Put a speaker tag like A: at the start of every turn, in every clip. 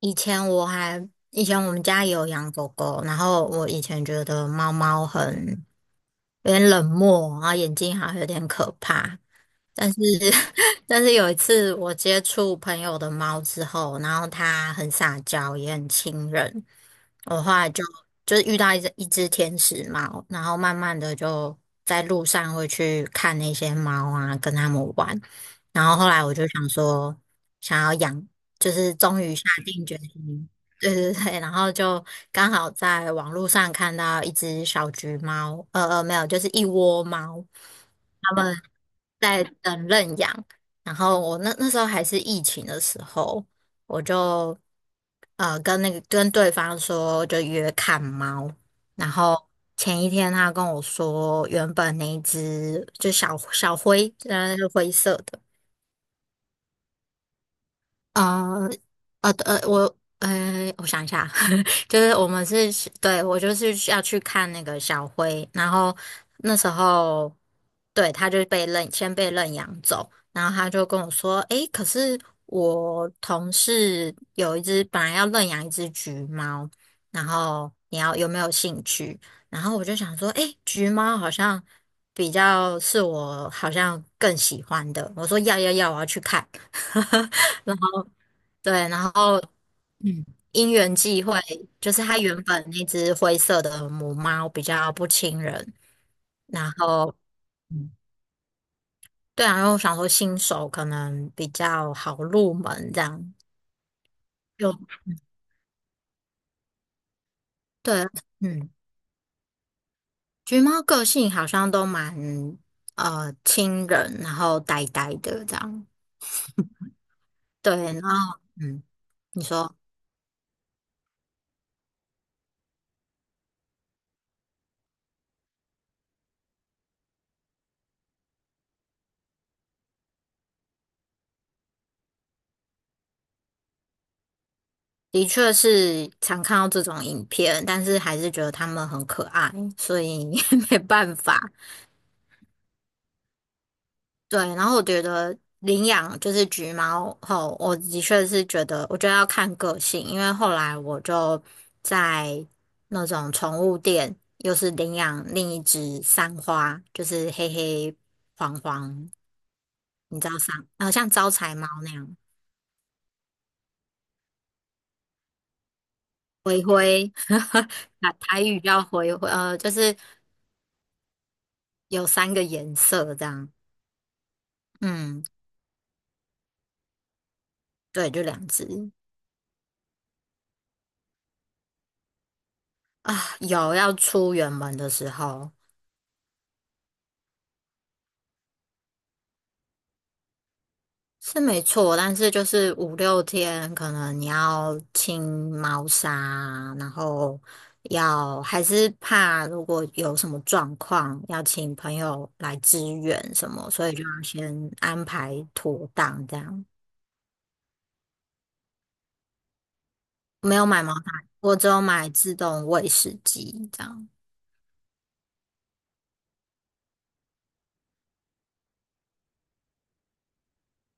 A: 以前我还，以前我们家也有养狗狗，然后我以前觉得猫猫很有点冷漠，然后眼睛好像有点可怕。但是，但是有一次我接触朋友的猫之后，然后它很撒娇，也很亲人，我后来就就是遇到一只天使猫，然后慢慢的就在路上会去看那些猫啊，跟它们玩。然后后来我就想说，想要养，就是终于下定决心，对对对。然后就刚好在网络上看到一只小橘猫，没有，就是一窝猫，们。在等认养，然后我那时候还是疫情的时候，我就跟那个跟对方说就约看猫，然后前一天他跟我说原本那一只就小小灰，那是灰色的。呃我想一下，就是我们是，对，我就是要去看那个小灰，然后那时候，对，他就被认，先被认养走，然后他就跟我说，诶，可是我同事有一只本来要认养一只橘猫，然后你要有没有兴趣？然后我就想说，诶，橘猫好像比较是我好像更喜欢的，我说要要要，我要去看。对，然后嗯，因缘际会，就是它原本那只灰色的母猫比较不亲人，然后嗯对啊，然后我想说新手可能比较好入门这样，就对，嗯，橘猫个性好像都蛮亲人，然后呆呆的这样，对，然后嗯，你说。的确是常看到这种影片，但是还是觉得它们很可爱，所以 没办法。对，然后我觉得领养就是橘猫后，我的确是觉得，我觉得要看个性，因为后来我就在那种宠物店，又是领养另一只三花，就是黑黑黄黄，你知道三，像招财猫那样，灰灰，台语叫灰灰，就是有3个颜色这样，嗯，对，就两只啊，有要出远门的时候。是没错，但是就是5、6天，可能你要清猫砂，然后要还是怕如果有什么状况，要请朋友来支援什么，所以就要先安排妥当这样。没有买毛砂，我只有买自动喂食机这样。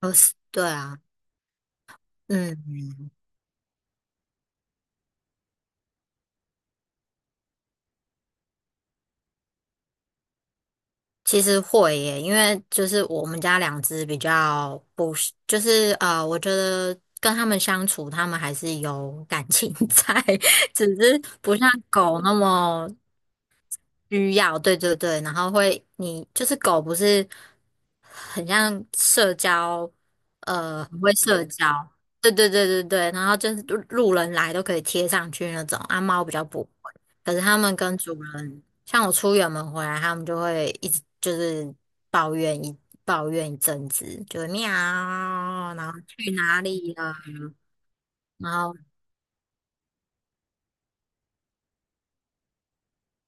A: 哦，是对啊，嗯。其实会耶，因为就是我们家两只比较不是就是我觉得跟它们相处，它们还是有感情 在，只是不像狗那么需要。对对对，然后会你就是狗不是。很像社交，很会社交。对对对对对，然后就是路路人来都可以贴上去那种，啊，猫比较不会。可是他们跟主人，像我出远门回来，他们就会一直就是抱怨一抱怨一阵子，就是喵，然后去哪里了，然后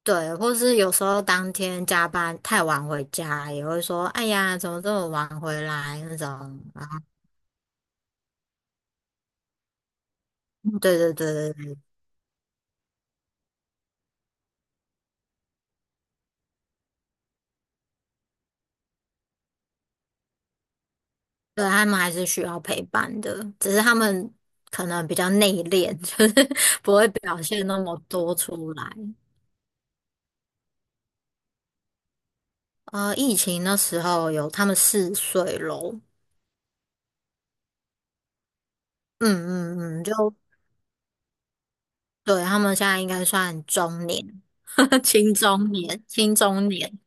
A: 对，或是有时候当天加班太晚回家，也会说，哎呀，怎么这么晚回来那种。然后对对对对对，他们还是需要陪伴的，只是他们可能比较内敛，就是不会表现那么多出来。疫情那时候有他们4岁咯，嗯嗯嗯，就对，他们现在应该算中年，青中年，青中年，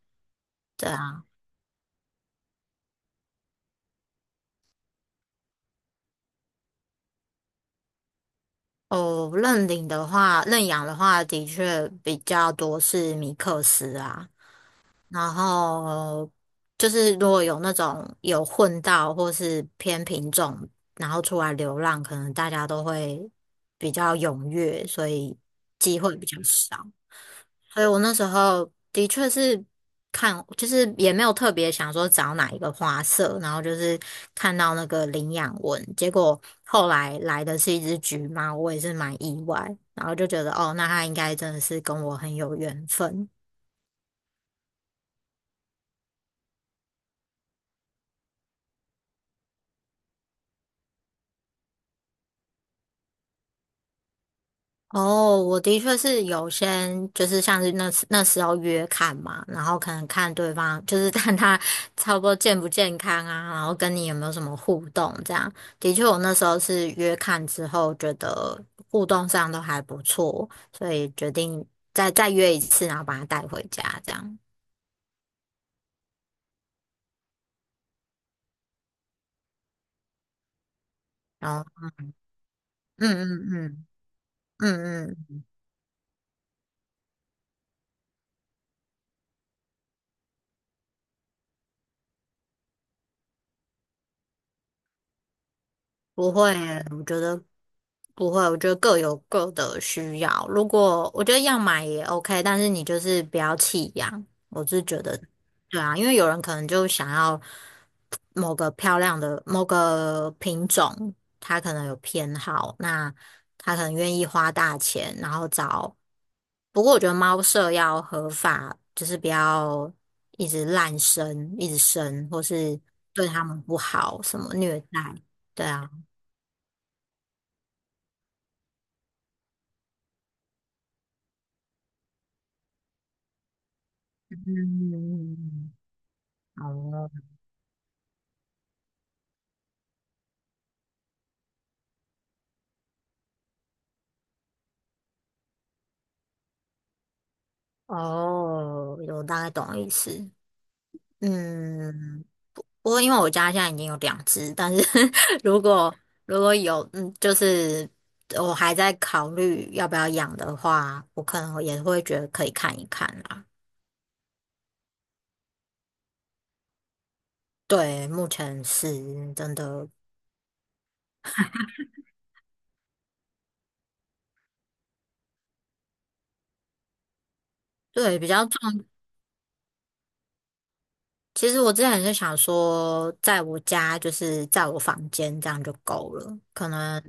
A: 对啊。哦，认领的话，认养的话，的确比较多是米克斯啊。然后就是如果有那种有混到或是偏品种，然后出来流浪，可能大家都会比较踊跃，所以机会比较少。所以我那时候的确是看，就是也没有特别想说找哪一个花色，然后就是看到那个领养文，结果后来来的是一只橘猫，我也是蛮意外，然后就觉得哦，那它应该真的是跟我很有缘分。哦，我的确是有先，就是像是那时候约看嘛，然后可能看对方，就是 看他差不多健不健康啊，然后跟你有没有什么互动这样。的确，我那时候是约看之后，觉得互动上都还不错，所以决定再约一次，然后把他带回家这样。然后，嗯嗯嗯嗯嗯，不会耶我觉得不会，我觉得各有各的需要。如果我觉得要买也 OK，但是你就是不要弃养。我是觉得，对啊，因为有人可能就想要某个漂亮的某个品种，他可能有偏好，那他可能愿意花大钱，然后找。不过我觉得猫舍要合法，就是不要一直滥生、一直生，或是对它们不好，什么虐待，对啊。嗯。哦哦，我大概懂意思。嗯，不过因为我家现在已经有两只，但是 如果如果有，嗯，就是我还在考虑要不要养的话，我可能也会觉得可以看一看啦。对，目前是真的，对，比较重其实我之前就想说，在我家就是在我房间这样就够了，可能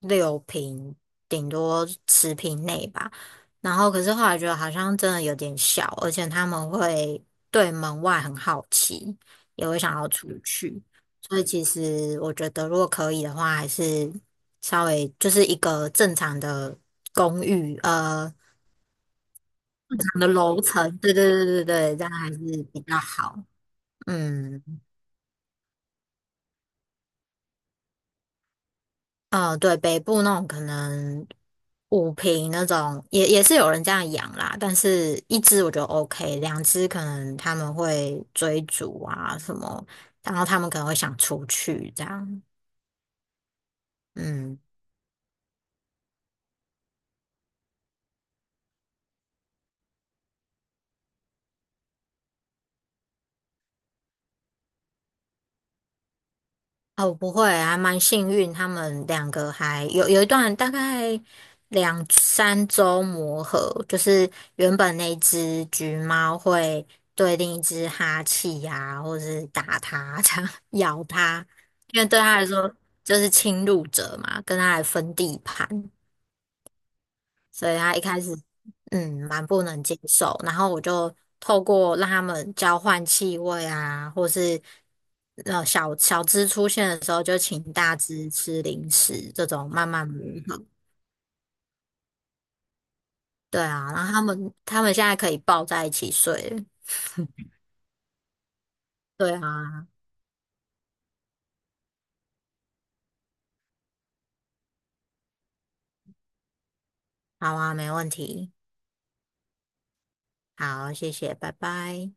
A: 六平顶多十平内吧。然后可是后来觉得好像真的有点小，而且他们会对门外很好奇，也会想要出去。所以其实我觉得，如果可以的话，还是稍微就是一个正常的公寓，正常的楼层，对对对对对，这样还是比较好。嗯。嗯、对，北部那种可能五瓶那种，也是有人这样养啦，但是一只我觉得 OK，两只可能他们会追逐啊什么，然后他们可能会想出去这样，嗯。哦，不会，还蛮幸运，他们两个还有一段大概2、3周磨合，就是原本那只橘猫会对另一只哈气呀、或是打它、这样咬它，因为对它来说就是侵入者嘛，跟它来分地盘。所以他一开始嗯蛮不能接受，然后我就透过让他们交换气味啊，或是小小只出现的时候就请大只吃零食，这种慢慢磨合对啊，然后他们现在可以抱在一起睡了。对啊，好啊，没问题，好，谢谢，拜拜。